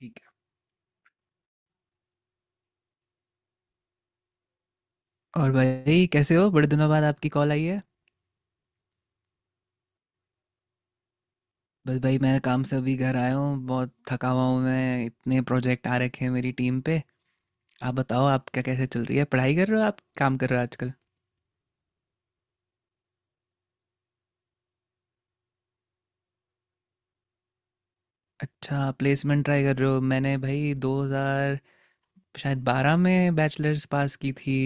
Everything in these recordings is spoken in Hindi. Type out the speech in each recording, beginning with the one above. ठीक है। और भाई कैसे हो? बड़े दिनों बाद आपकी कॉल आई है। बस भाई मैं काम से अभी घर आया हूँ, बहुत थका हुआ हूँ। मैं इतने प्रोजेक्ट आ रखे हैं मेरी टीम पे। आप बताओ आपका कैसे चल रही है, पढ़ाई कर रहे हो, आप काम कर रहे हो आजकल? अच्छा प्लेसमेंट ट्राई कर रहे हो। मैंने भाई 2000 शायद 12 में बैचलर्स पास की थी।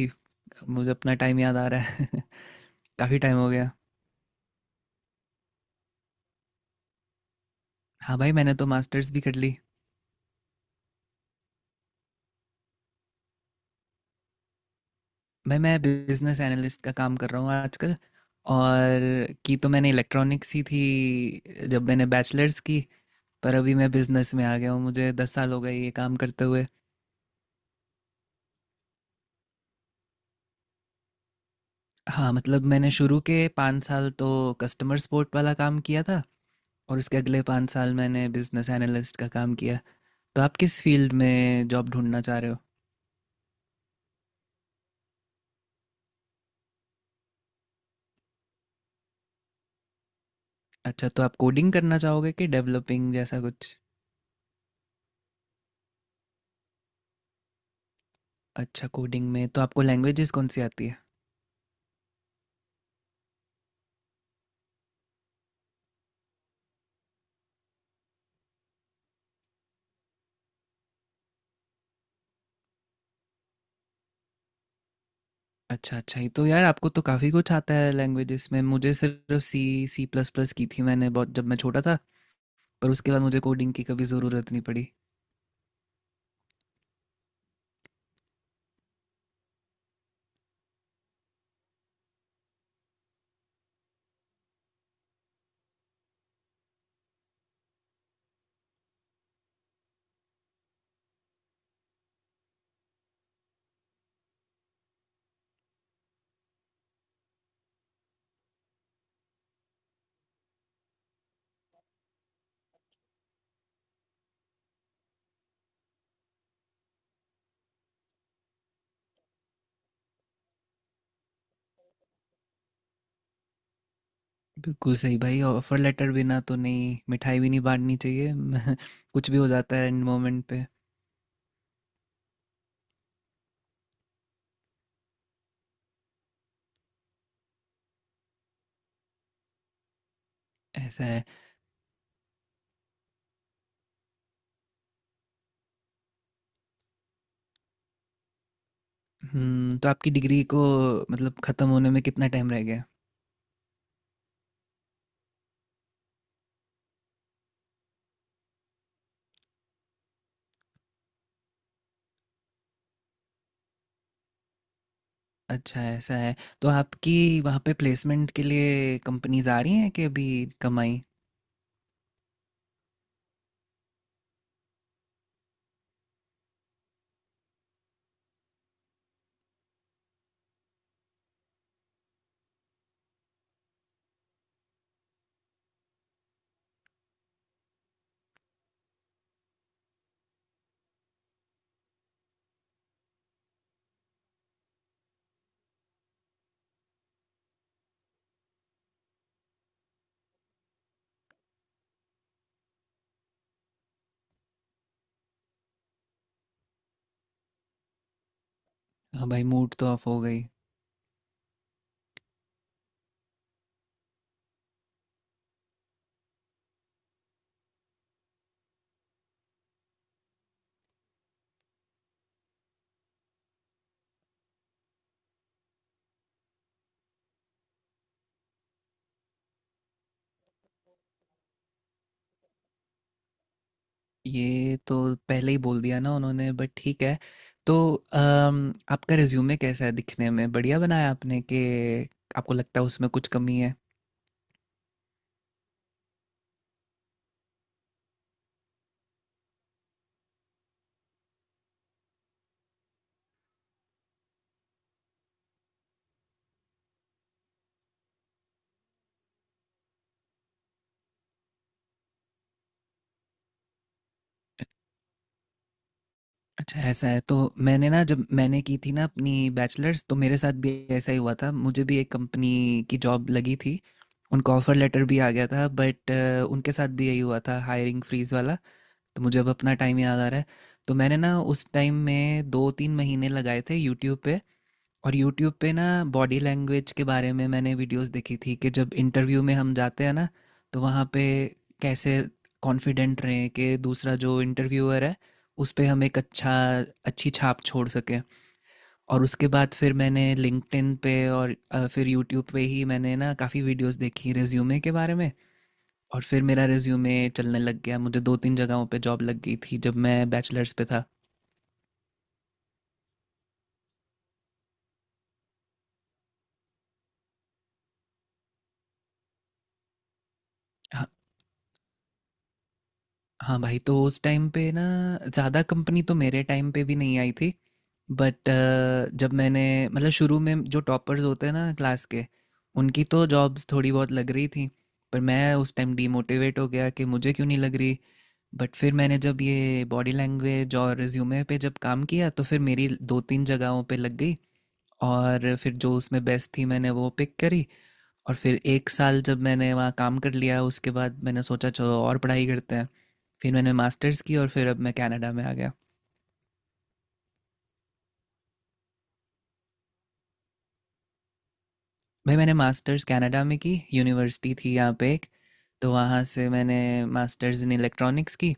मुझे अपना टाइम याद आ रहा है। काफ़ी टाइम हो गया। हाँ भाई, मैंने तो मास्टर्स भी कर ली। भाई मैं बिजनेस एनालिस्ट का काम कर रहा हूँ आजकल। और की तो मैंने इलेक्ट्रॉनिक्स ही थी जब मैंने बैचलर्स की। पर अभी मैं बिजनेस में आ गया हूँ। मुझे 10 साल हो गए ये काम करते हुए। हाँ मतलब मैंने शुरू के 5 साल तो कस्टमर सपोर्ट वाला काम किया था, और उसके अगले 5 साल मैंने बिजनेस एनालिस्ट का काम किया। तो आप किस फील्ड में जॉब ढूंढना चाह रहे हो? अच्छा तो आप कोडिंग करना चाहोगे कि डेवलपिंग जैसा कुछ? अच्छा कोडिंग में तो आपको लैंग्वेजेस कौन सी आती है? अच्छा अच्छा, ये तो यार आपको तो काफ़ी कुछ आता है लैंग्वेजेस में। मुझे सिर्फ सी सी प्लस प्लस की थी मैंने, बहुत जब मैं छोटा था। पर उसके बाद मुझे कोडिंग की कभी ज़रूरत नहीं पड़ी। बिल्कुल सही भाई, ऑफर लेटर बिना तो नहीं, मिठाई भी नहीं बांटनी चाहिए। कुछ भी हो जाता है एंड मोमेंट पे। ऐसा है। हम्म, तो आपकी डिग्री को मतलब ख़त्म होने में कितना टाइम रह गया? अच्छा ऐसा है। तो आपकी वहाँ पे प्लेसमेंट के लिए कंपनीज आ रही हैं कि अभी कमाई? हाँ भाई मूड तो ऑफ हो गई। ये तो पहले ही बोल दिया ना उन्होंने, बट ठीक है। तो आपका रिज्यूमे कैसा है, दिखने में बढ़िया बनाया आपने कि आपको लगता है उसमें कुछ कमी है? अच्छा ऐसा है। तो मैंने ना जब मैंने की थी ना अपनी बैचलर्स, तो मेरे साथ भी ऐसा ही हुआ था। मुझे भी एक कंपनी की जॉब लगी थी, उनका ऑफर लेटर भी आ गया था, बट उनके साथ भी यही हुआ था हायरिंग फ्रीज वाला। तो मुझे अब अपना टाइम याद आ रहा है। तो मैंने ना उस टाइम में 2 3 महीने लगाए थे यूट्यूब पे। और यूट्यूब पे ना बॉडी लैंग्वेज के बारे में मैंने वीडियोस देखी थी, कि जब इंटरव्यू में हम जाते हैं ना, तो वहाँ पे कैसे कॉन्फिडेंट रहें कि दूसरा जो इंटरव्यूअर है उस पे हम एक अच्छा अच्छी छाप छोड़ सकें। और उसके बाद फिर मैंने लिंक्डइन पे और फिर यूट्यूब पे ही मैंने ना काफ़ी वीडियोस देखी रिज्यूमे के बारे में। और फिर मेरा रिज्यूमे चलने लग गया, मुझे 2 3 जगहों पे जॉब लग गई थी जब मैं बैचलर्स पे था। हाँ भाई, तो उस टाइम पे ना ज़्यादा कंपनी तो मेरे टाइम पे भी नहीं आई थी। बट जब मैंने मतलब शुरू में जो टॉपर्स होते हैं ना क्लास के, उनकी तो जॉब्स थोड़ी बहुत लग रही थी। पर मैं उस टाइम डीमोटिवेट हो गया कि मुझे क्यों नहीं लग रही। बट फिर मैंने जब ये बॉडी लैंग्वेज और रिज्यूमे पे जब काम किया, तो फिर मेरी 2-3 जगहों पे लग गई। और फिर जो उसमें बेस्ट थी मैंने वो पिक करी। और फिर 1 साल जब मैंने वहाँ काम कर लिया, उसके बाद मैंने सोचा चलो और पढ़ाई करते हैं। फिर मैंने मास्टर्स की और फिर अब मैं कनाडा में आ गया। भाई मैंने मास्टर्स कनाडा में की, यूनिवर्सिटी थी यहाँ पे एक, तो वहाँ से मैंने मास्टर्स इन इलेक्ट्रॉनिक्स की।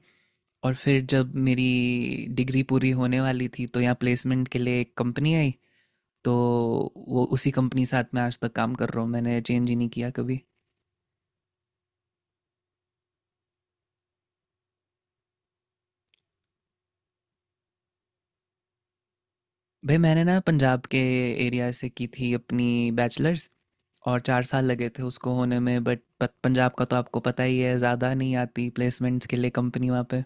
और फिर जब मेरी डिग्री पूरी होने वाली थी तो यहाँ प्लेसमेंट के लिए एक कंपनी आई, तो वो उसी कंपनी साथ में आज तक काम कर रहा हूँ, मैंने चेंज ही नहीं किया कभी। भाई मैंने ना पंजाब के एरिया से की थी अपनी बैचलर्स, और 4 साल लगे थे उसको होने में। बट पंजाब का तो आपको पता ही है, ज़्यादा नहीं आती प्लेसमेंट्स के लिए कंपनी वहाँ पे।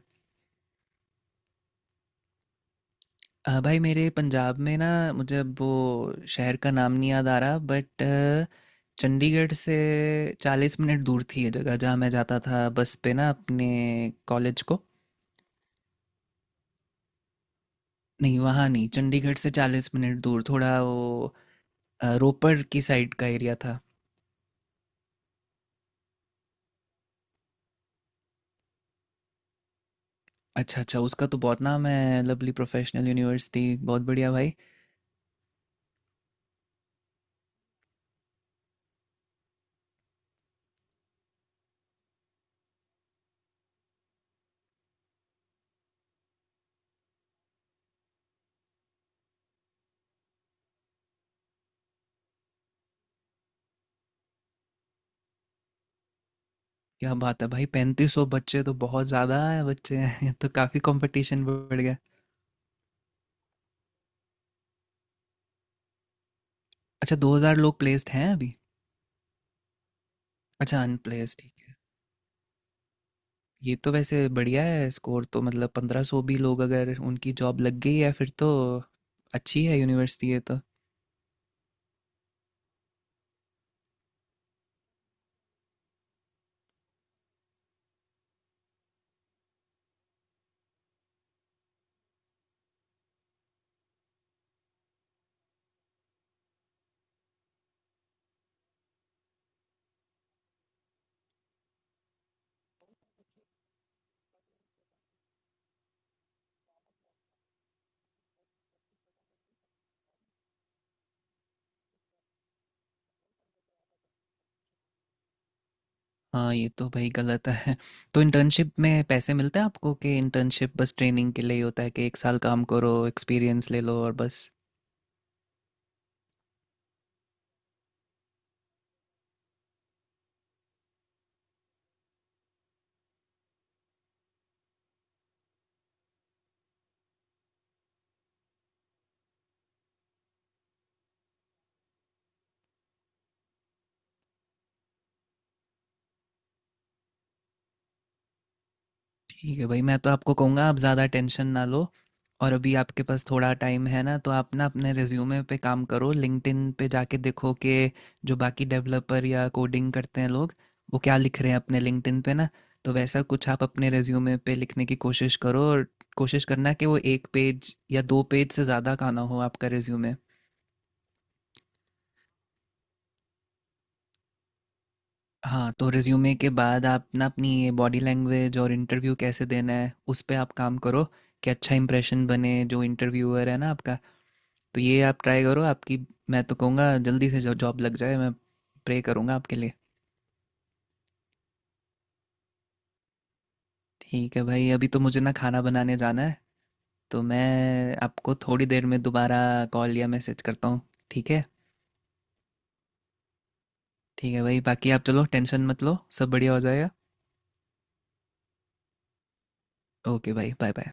भाई मेरे पंजाब में ना मुझे अब वो शहर का नाम नहीं याद आ रहा, बट चंडीगढ़ से 40 मिनट दूर थी ये जगह जहाँ मैं जाता था बस पे ना अपने कॉलेज को। नहीं वहाँ नहीं, चंडीगढ़ से चालीस मिनट दूर थोड़ा वो रोपड़ की साइड का एरिया था। अच्छा अच्छा, उसका तो बहुत नाम है लवली प्रोफेशनल यूनिवर्सिटी, बहुत बढ़िया भाई। क्या बात है भाई, 3500 बच्चे तो बहुत ज़्यादा है, बच्चे हैं ये तो, काफ़ी कंपटीशन बढ़ गया। अच्छा 2000 लोग प्लेस्ड हैं अभी? अच्छा अनप्लेस्ड, ठीक है। ये तो वैसे बढ़िया है स्कोर तो, मतलब 1500 भी लोग अगर उनकी जॉब लग गई है फिर तो अच्छी है यूनिवर्सिटी ये तो। हाँ ये तो भाई गलत है। तो इंटर्नशिप में पैसे मिलते हैं आपको, कि इंटर्नशिप बस ट्रेनिंग के लिए ही होता है कि एक साल काम करो एक्सपीरियंस ले लो और बस? ठीक है भाई, मैं तो आपको कहूँगा आप ज़्यादा टेंशन ना लो। और अभी आपके पास थोड़ा टाइम है ना, तो आप ना अपने रिज्यूमे पे काम करो, लिंक्डइन पे जाके देखो कि जो बाकी डेवलपर या कोडिंग करते हैं लोग वो क्या लिख रहे हैं अपने लिंक्डइन पे ना। तो वैसा कुछ आप अपने रिज्यूमे पे लिखने की कोशिश करो, और कोशिश करना कि वो एक पेज या दो पेज से ज़्यादा का ना हो आपका रिज्यूमे। हाँ तो रिज्यूमे के बाद आप ना अपनी बॉडी लैंग्वेज और इंटरव्यू कैसे देना है उस पर आप काम करो, कि अच्छा इंप्रेशन बने जो इंटरव्यूअर है ना आपका। तो ये आप ट्राई करो। आपकी मैं तो कहूँगा जल्दी से जो जॉब लग जाए, मैं प्रे करूँगा आपके लिए। ठीक है भाई, अभी तो मुझे ना खाना बनाने जाना है, तो मैं आपको थोड़ी देर में दोबारा कॉल या मैसेज करता हूँ, ठीक है? ठीक है भाई बाकी आप चलो, टेंशन मत लो, सब बढ़िया हो जाएगा। ओके भाई, बाय बाय।